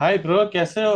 हाय bro कैसे हो।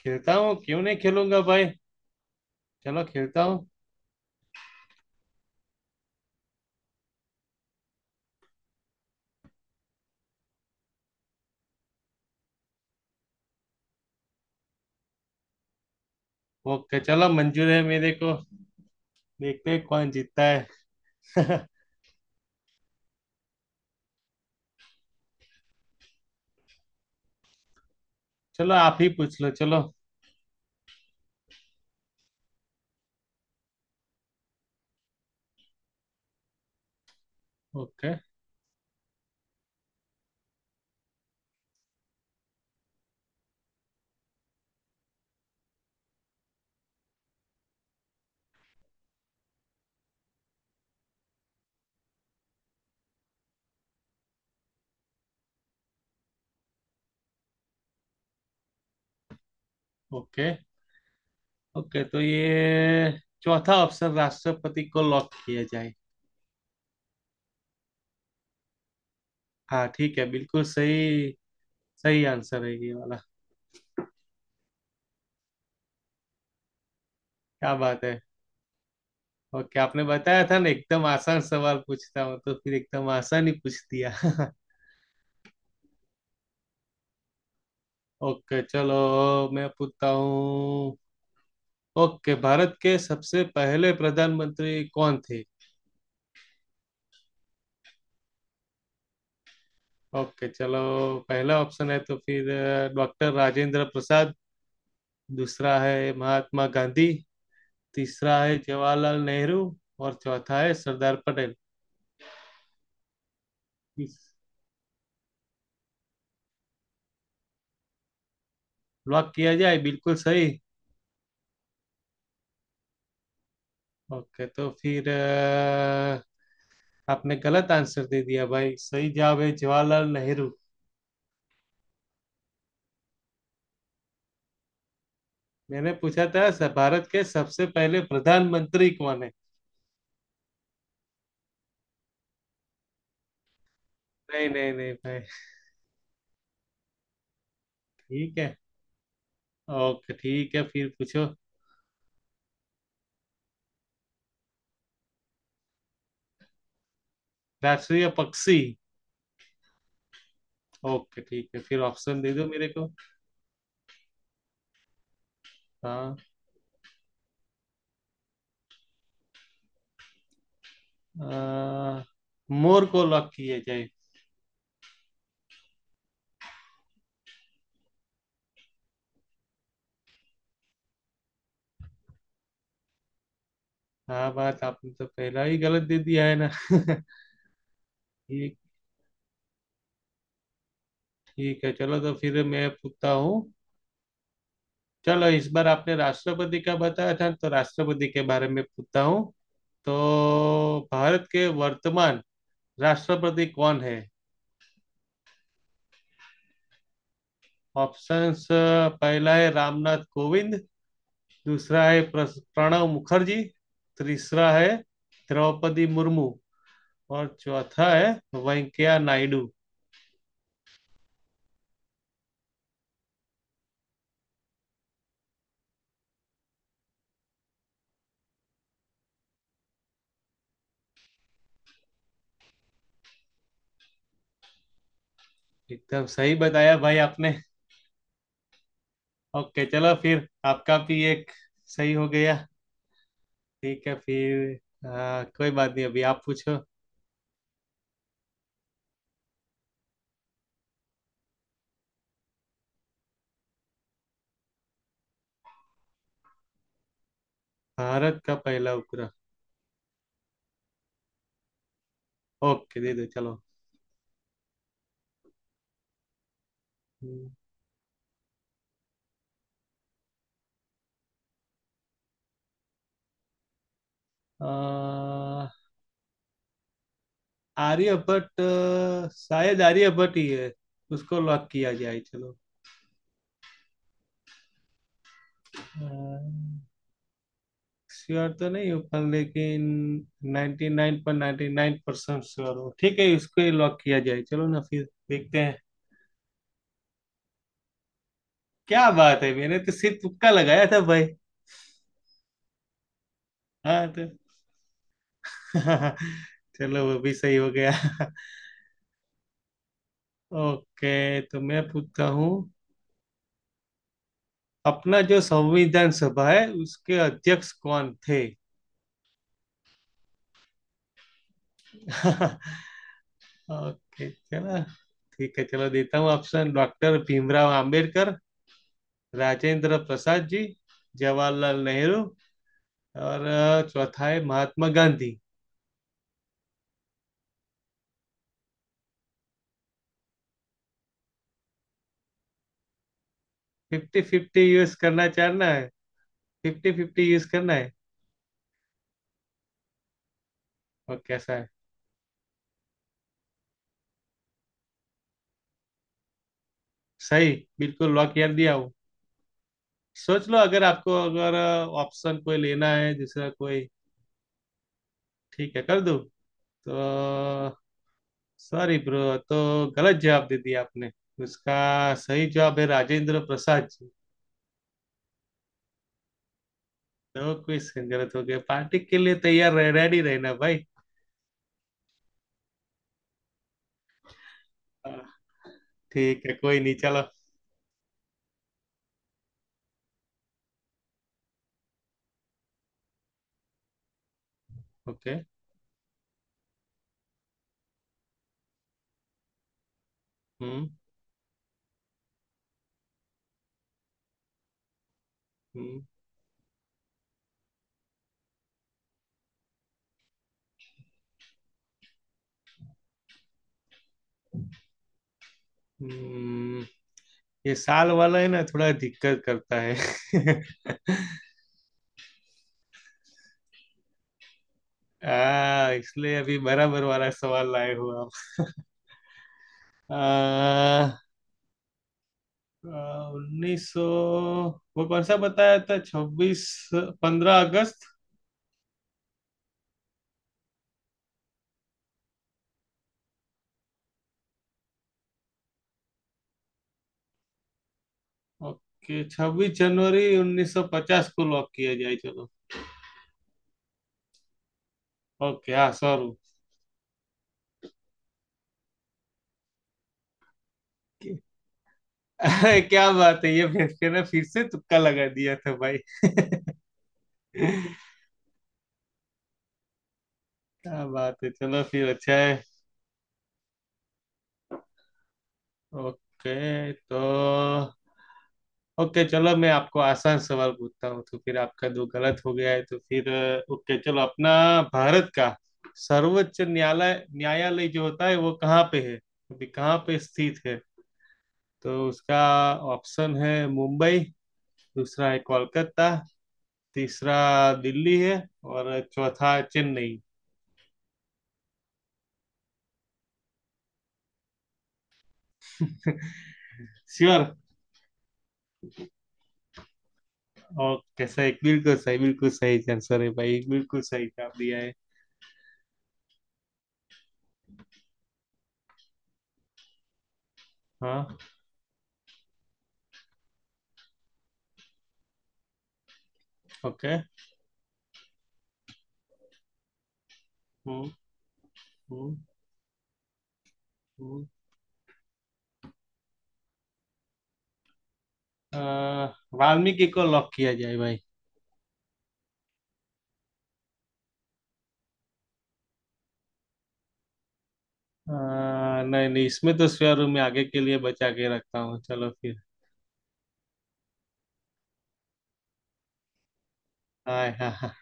खेलता हूँ क्यों नहीं खेलूंगा भाई। चलो खेलता हूँ। ओके चलो मंजूर है मेरे को। देखते हैं कौन जीतता है। चलो आप ही पूछ लो चलो। ओके। ओके ओके तो ये चौथा ऑप्शन राष्ट्रपति को लॉक किया जाए। हाँ ठीक है बिल्कुल सही। सही आंसर है ये वाला। क्या बात है। ओके आपने बताया था ना एकदम आसान सवाल पूछता हूँ तो फिर एकदम आसान ही पूछ दिया। ओके चलो मैं पूछता हूँ। ओके भारत के सबसे पहले प्रधानमंत्री कौन थे। ओके चलो। पहला ऑप्शन है तो फिर डॉक्टर राजेंद्र प्रसाद। दूसरा है महात्मा गांधी। तीसरा है जवाहरलाल नेहरू। और चौथा है सरदार पटेल। इस- लॉक किया जाए बिल्कुल सही। ओके तो फिर आपने गलत आंसर दे दिया भाई। सही जवाब है जवाहरलाल नेहरू। मैंने पूछा था भारत के सबसे पहले प्रधानमंत्री कौन है। नहीं नहीं नहीं भाई। ठीक है। ओके ठीक है फिर पूछो। राष्ट्रीय पक्षी। ओके ठीक है फिर ऑप्शन दे दो मेरे को। हाँ। अ, मोर को लॉक किया जाए। हाँ बात आपने तो पहला ही गलत दे दिया है ना। ठीक। ठीक है चलो तो फिर मैं पूछता हूँ। चलो इस बार आपने राष्ट्रपति का बताया था तो राष्ट्रपति के बारे में पूछता हूँ। तो भारत के वर्तमान राष्ट्रपति कौन है। ऑप्शंस पहला है रामनाथ कोविंद। दूसरा है प्रणव मुखर्जी। तीसरा है द्रौपदी मुर्मू। और चौथा है वेंकैया नायडू। एकदम सही बताया भाई आपने। ओके चलो फिर आपका भी एक सही हो गया। ठीक है फिर। हाँ, कोई बात नहीं अभी आप पूछो। भारत का पहला उपग्रह। ओके दे दो चलो। हम्म, अ, आर्यभट्ट शायद आर्यभट्ट ही है। उसको लॉक किया जाए चलो। आ, श्योर तो नहीं हो पर लेकिन 99.99% श्योर हो। ठीक है इसको ही लॉक किया जाए चलो ना फिर। देखते हैं। क्या बात है मैंने तो सिर्फ तुक्का लगाया था भाई। हाँ तो। चलो वो भी सही हो गया। ओके तो मैं पूछता हूँ। अपना जो संविधान सभा है उसके अध्यक्ष कौन थे। ओके चलो। ठीक है चलो देता हूँ ऑप्शन डॉक्टर भीमराव आम्बेडकर। राजेंद्र प्रसाद जी। जवाहरलाल नेहरू। और चौथा है Mahatma Gandhi. Fifty fifty use करना चाहना है। फिफ्टी फिफ्टी यूज करना है। और कैसा है। सही। बिल्कुल लॉक कर दिया हूँ। सोच लो अगर आपको अगर ऑप्शन कोई लेना है दूसरा कोई। ठीक है कर दो। तो सॉरी ब्रो। तो गलत जवाब दे दिया आपने। उसका सही जवाब है राजेंद्र प्रसाद जी। दो क्वेश्चन गलत हो गए पार्टी के लिए तैयार रह रेडी रहना भाई। हाँ, ठीक है कोई नहीं चलो। ओके। हम्म। हम्म। हम्म। ये साल वाला है ना थोड़ा दिक्कत करता है। इसलिए अभी बराबर वाला सवाल लाए हो आप। आ, उन्नीस सौ वो कौन सा बताया था छब्बीस 15 अगस्त। ओके 26 जनवरी 1950 को लॉक किया जाए चलो। ओके हाँ सॉरी। क्या बात है ये फिर से तुक्का लगा दिया था भाई। क्या बात है चलो फिर अच्छा है। ओके तो। ओके चलो मैं आपको आसान सवाल पूछता हूँ तो फिर आपका दो गलत हो गया है तो फिर ओके चलो अपना। भारत का सर्वोच्च न्यायालय न्यायालय जो होता है वो कहाँ पे है। अभी कहाँ पे स्थित है। तो उसका ऑप्शन है मुंबई। दूसरा है कोलकाता। तीसरा दिल्ली है। और चौथा चेन्नई। श्योर। ओके सही बिल्कुल सही बिल्कुल सही आंसर है भाई बिल्कुल सही जवाब दिया है। हाँ। ओके। हम्म। हम्म। हम्म। अ, वाल्मीकि को लॉक किया जाए भाई। अ, नहीं नहीं इसमें तो स्वेयर में आगे के लिए बचा के रखता हूँ चलो फिर। हाँ हाँ हाँ।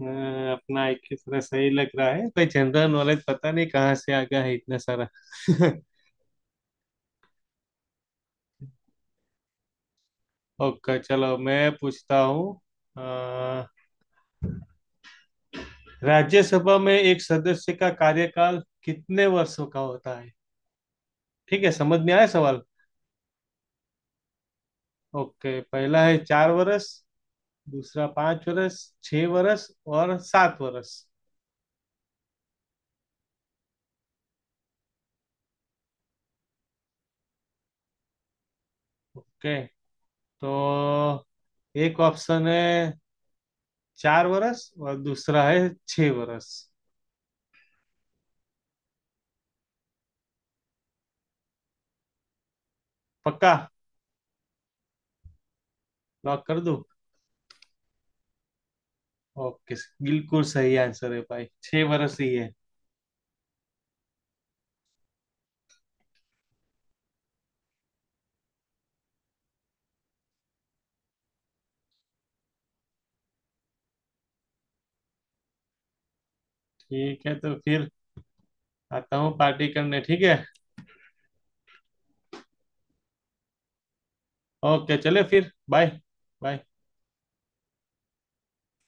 अपना एक की तरह सही लग रहा है कोई जनरल नॉलेज पता नहीं कहाँ से आ गया है इतना सारा। ओके चलो मैं पूछता हूँ। अ, राज्यसभा में एक सदस्य का कार्यकाल कितने वर्षों का होता है। ठीक है समझ में आया सवाल। ओके पहला है 4 वर्ष। दूसरा 5 वर्ष। 6 वर्ष। और 7 वर्ष। ओके तो एक ऑप्शन है 4 वर्ष और दूसरा है 6 वर्ष। पक्का। लॉक कर दूं। ओके। बिल्कुल सही आंसर है भाई 6 वर्ष ही है। ठीक है तो फिर आता हूँ पार्टी करने ठीक है। ओके चले फिर बाय। बाय।